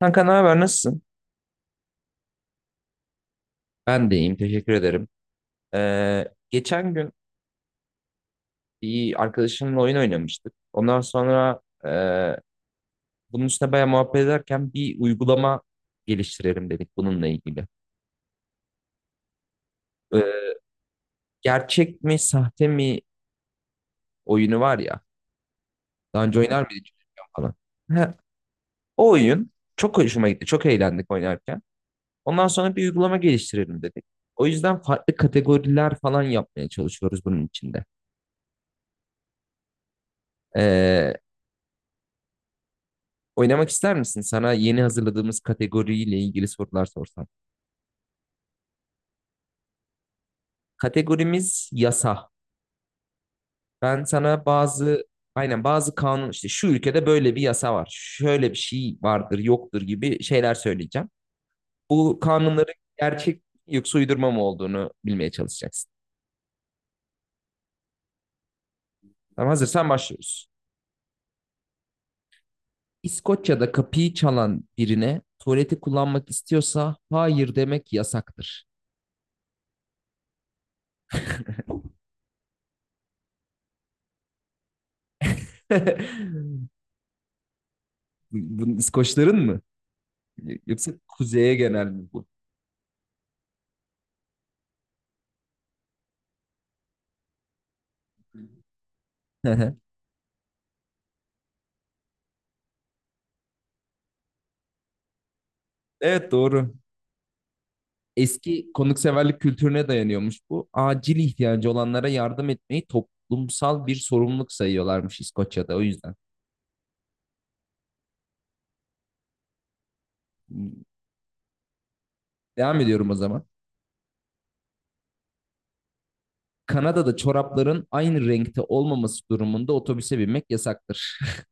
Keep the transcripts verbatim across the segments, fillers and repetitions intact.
Kanka ne haber nasılsın? Ben de iyiyim, teşekkür ederim. Ee, geçen gün bir arkadaşımla oyun oynamıştık. Ondan sonra e, bunun üstüne bayağı muhabbet ederken bir uygulama geliştirelim dedik bununla ilgili. Ee, gerçek mi sahte mi oyunu var ya. Daha önce oynar mıydın bilmiyorum falan. Ha, o oyun çok hoşuma gitti. Çok eğlendik oynarken. Ondan sonra bir uygulama geliştirelim dedik. O yüzden farklı kategoriler falan yapmaya çalışıyoruz bunun içinde. Ee, Oynamak ister misin? Sana yeni hazırladığımız kategoriyle ilgili sorular sorsam. Kategorimiz yasa. Ben sana bazı, aynen, bazı kanun işte şu ülkede böyle bir yasa var. Şöyle bir şey vardır, yoktur gibi şeyler söyleyeceğim. Bu kanunların gerçek yoksa uydurma mı olduğunu bilmeye çalışacaksın. Tamam, hazırsan başlıyoruz. İskoçya'da kapıyı çalan birine, tuvaleti kullanmak istiyorsa, hayır demek yasaktır. Bu- bu İskoçların mı? Yoksa kuzeye genel mi bu? Evet, doğru. Eski konukseverlik kültürüne dayanıyormuş bu. Acil ihtiyacı olanlara yardım etmeyi toplumsal bir sorumluluk sayıyorlarmış İskoçya'da, o yüzden. Devam ediyorum o zaman. Kanada'da çorapların aynı renkte olmaması durumunda otobüse binmek yasaktır.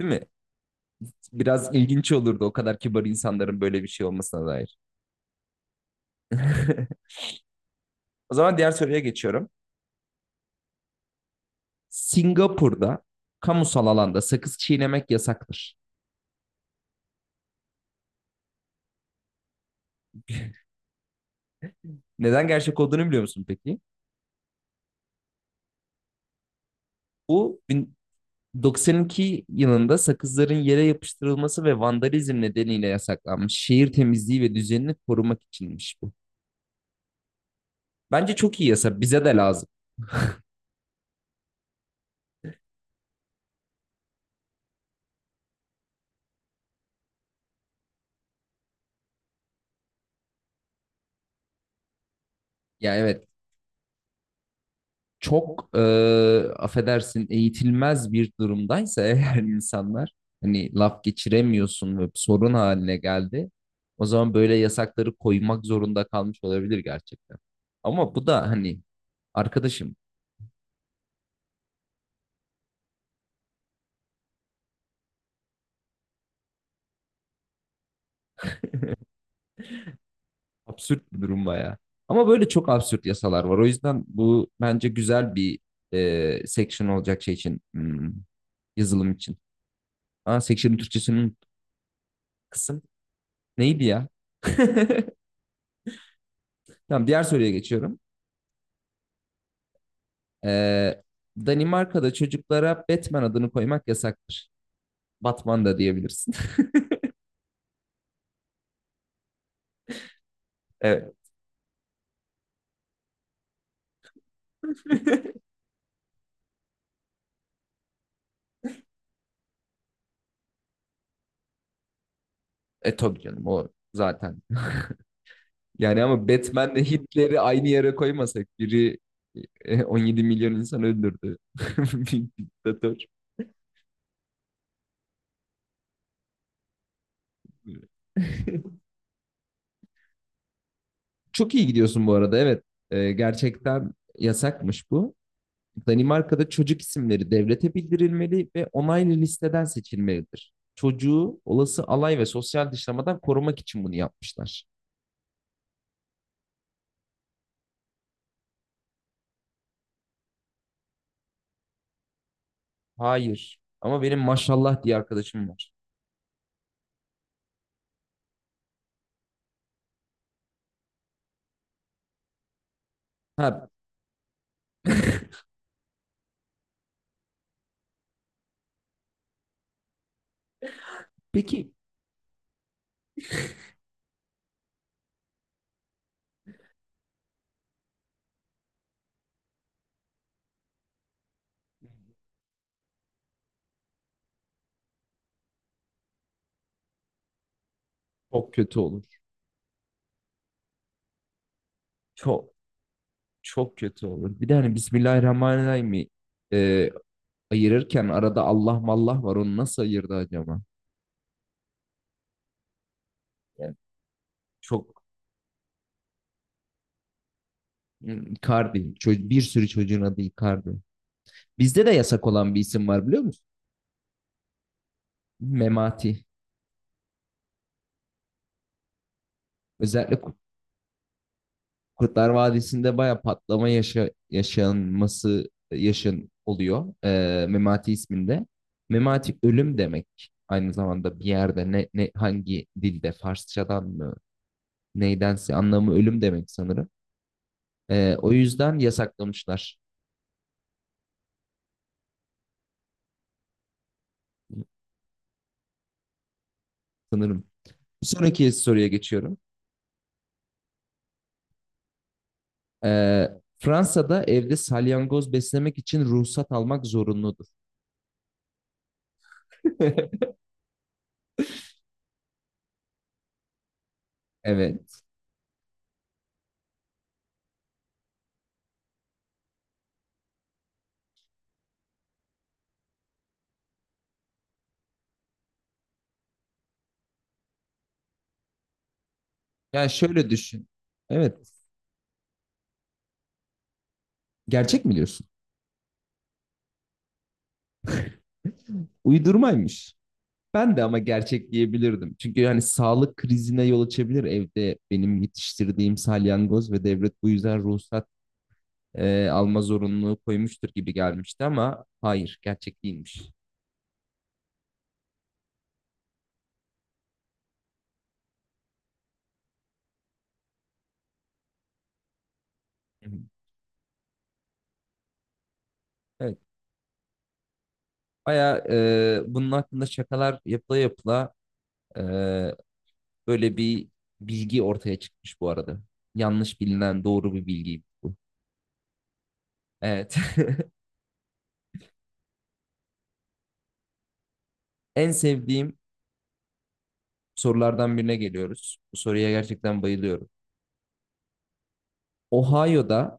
Değil mi? Biraz ilginç olurdu o kadar kibar insanların böyle bir şey olmasına dair. O zaman diğer soruya geçiyorum. Singapur'da kamusal alanda sakız çiğnemek yasaktır. Neden gerçek olduğunu biliyor musun peki? Bu doksan iki yılında sakızların yere yapıştırılması ve vandalizm nedeniyle yasaklanmış. Şehir temizliği ve düzenini korumak içinmiş bu. Bence çok iyi yasa. Bize de lazım. Ya evet, çok, e, affedersin, eğitilmez bir durumdaysa eğer insanlar, hani, laf geçiremiyorsun ve sorun haline geldi. O zaman böyle yasakları koymak zorunda kalmış olabilir gerçekten. Ama bu da hani arkadaşım... Absürt bir durum bayağı. Ama böyle çok absürt yasalar var. O yüzden bu bence güzel bir, e, section olacak şey için. hmm, yazılım için. Aa, section'ın Türkçesinin kısım neydi ya? Tamam, diğer soruya geçiyorum. Ee, Danimarka'da çocuklara Batman adını koymak yasaktır. Batman da diyebilirsin. Evet. E tabii canım, o zaten. Yani ama Batman'le Hitler'i aynı yere koymasak, biri e, on yedi milyon insan öldürdü. Bir diktatör. Çok iyi gidiyorsun bu arada. Evet. Ee, gerçekten yasakmış bu. Danimarka'da çocuk isimleri devlete bildirilmeli ve onaylı listeden seçilmelidir. Çocuğu olası alay ve sosyal dışlamadan korumak için bunu yapmışlar. Hayır. Ama benim maşallah diye arkadaşım var. Ha, peki, çok kötü olur. Çok çok kötü olur. Bir de hani Bismillahirrahmanirrahim'i e, ayırırken arada Allah mallah var. Onu nasıl ayırdı acaba? Yani çok... Icardi. Bir sürü çocuğun adı Icardi. Bizde de yasak olan bir isim var biliyor musun? Memati. Özellikle Ku- Kurtlar Vadisi'nde baya patlama yaşa yaşanması yaşın oluyor. Ee, Memati isminde. Memati ölüm demek. Aynı zamanda bir yerde, ne, ne hangi dilde, Farsçadan mı neydense, anlamı ölüm demek sanırım. Ee, o yüzden yasaklamışlar sanırım. Bir sonraki soruya geçiyorum. Ee, Fransa'da evde salyangoz beslemek için ruhsat almak zorunludur. Evet. Yani şöyle düşün. Evet. Gerçek mi diyorsun? Uydurmaymış. Ben de ama gerçek diyebilirdim. Çünkü yani sağlık krizine yol açabilir evde benim yetiştirdiğim salyangoz ve devlet bu yüzden ruhsat e, alma zorunluluğu koymuştur gibi gelmişti, ama hayır, gerçek değilmiş. Hı hı. Evet. Baya bunun hakkında şakalar yapıla yapıla, e, böyle bir bilgi ortaya çıkmış bu arada. Yanlış bilinen doğru bir bilgi bu. Evet. En sevdiğim sorulardan birine geliyoruz. Bu soruya gerçekten bayılıyorum. Ohio'da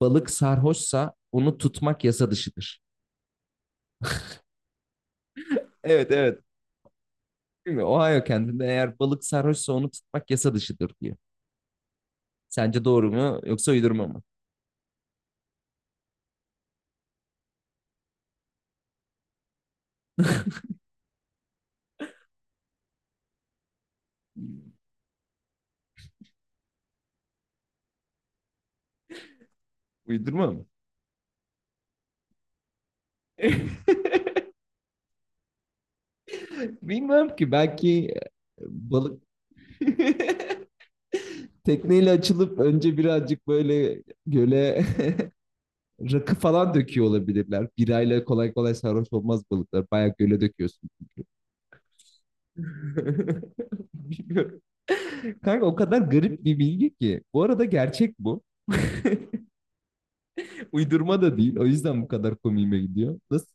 balık sarhoşsa onu tutmak yasa dışıdır. Evet, evet. Değil mi? Ohio kendinde, eğer balık sarhoşsa onu tutmak yasa dışıdır, diyor. Sence doğru mu yoksa uydurma mı? Uydurma mı? Bilmem ki, belki e, balık tekneyle açılıp önce birazcık böyle göle rakı falan döküyor olabilirler. Birayla kolay kolay sarhoş olmaz balıklar. Bayağı göle döküyorsun. Bilmiyorum. Kanka o kadar garip bir bilgi ki. Bu arada gerçek bu. Uydurma da değil. O yüzden bu kadar komiğime gidiyor. Nasıl?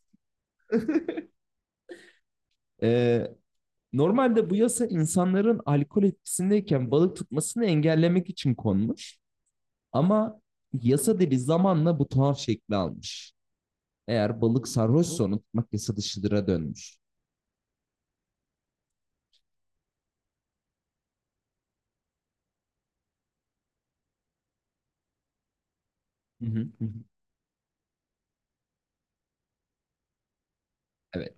Ee, normalde bu yasa insanların alkol etkisindeyken balık tutmasını engellemek için konmuş. Ama yasa dili zamanla bu tuhaf şekli almış. Eğer balık sarhoşsa onu tutmak yasa dışıdıra dönmüş. Hı hı. Evet.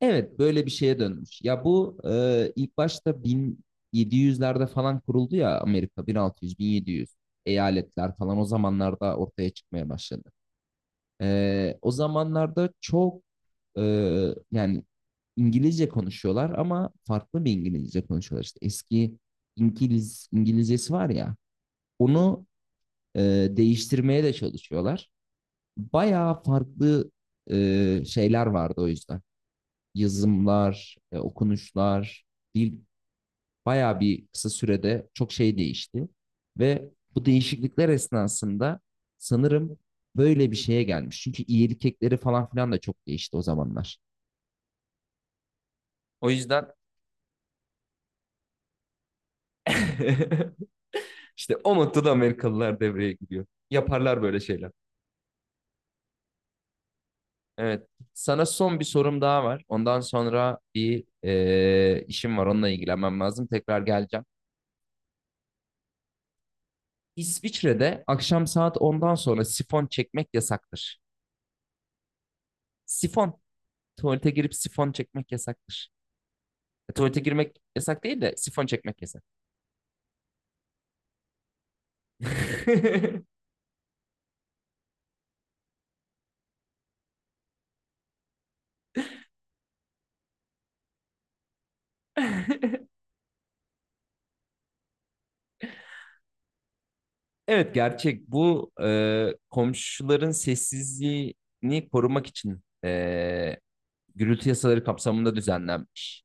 Evet, böyle bir şeye dönmüş. Ya bu e, ilk başta bin yedi yüzlerde falan kuruldu ya. Amerika, bin altı yüz-bin yedi yüz, eyaletler falan o zamanlarda ortaya çıkmaya başladı. E, o zamanlarda çok, e, yani İngilizce konuşuyorlar ama farklı bir İngilizce konuşuyorlar. İşte eski İngiliz İngilizcesi var ya, onu e, değiştirmeye de çalışıyorlar. Bayağı farklı e, şeyler vardı o yüzden. Yazımlar, e, okunuşlar, dil bayağı bir kısa sürede çok şey değişti. Ve bu değişiklikler esnasında sanırım böyle bir şeye gelmiş. Çünkü iyilik ekleri falan filan da çok değişti o zamanlar. O yüzden işte o noktada Amerikalılar devreye giriyor. Yaparlar böyle şeyler. Evet. Sana son bir sorum daha var. Ondan sonra bir e, işim var. Onunla ilgilenmem lazım. Tekrar geleceğim. İsviçre'de akşam saat ondan sonra sifon çekmek yasaktır. Sifon. Tuvalete girip sifon çekmek yasaktır. E, tuvalete girmek yasak değil de sifon çekmek yasak. Evet, gerçek. Bu e, komşuların sessizliğini korumak için, e, gürültü yasaları kapsamında düzenlenmiş.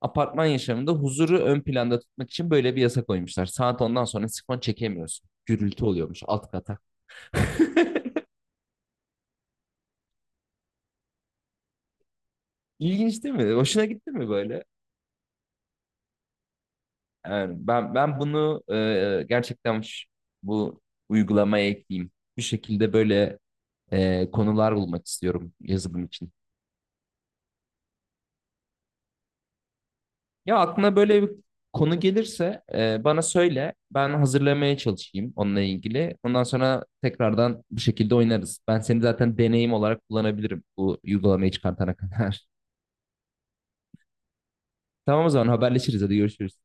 Apartman yaşamında huzuru ön planda tutmak için böyle bir yasa koymuşlar. Saat ondan sonra sifon çekemiyorsun. Gürültü oluyormuş alt kata. İlginç değil mi? Hoşuna gitti mi böyle? Yani ben ben bunu e, gerçekten ş- bu uygulamaya ekleyeyim. Bir şekilde böyle e, konular bulmak istiyorum yazılım için. Ya aklına böyle bir konu gelirse, e, bana söyle. Ben hazırlamaya çalışayım onunla ilgili. Ondan sonra tekrardan bu şekilde oynarız. Ben seni zaten deneyim olarak kullanabilirim bu uygulamayı çıkartana kadar. Tamam, o zaman haberleşiriz. Hadi görüşürüz.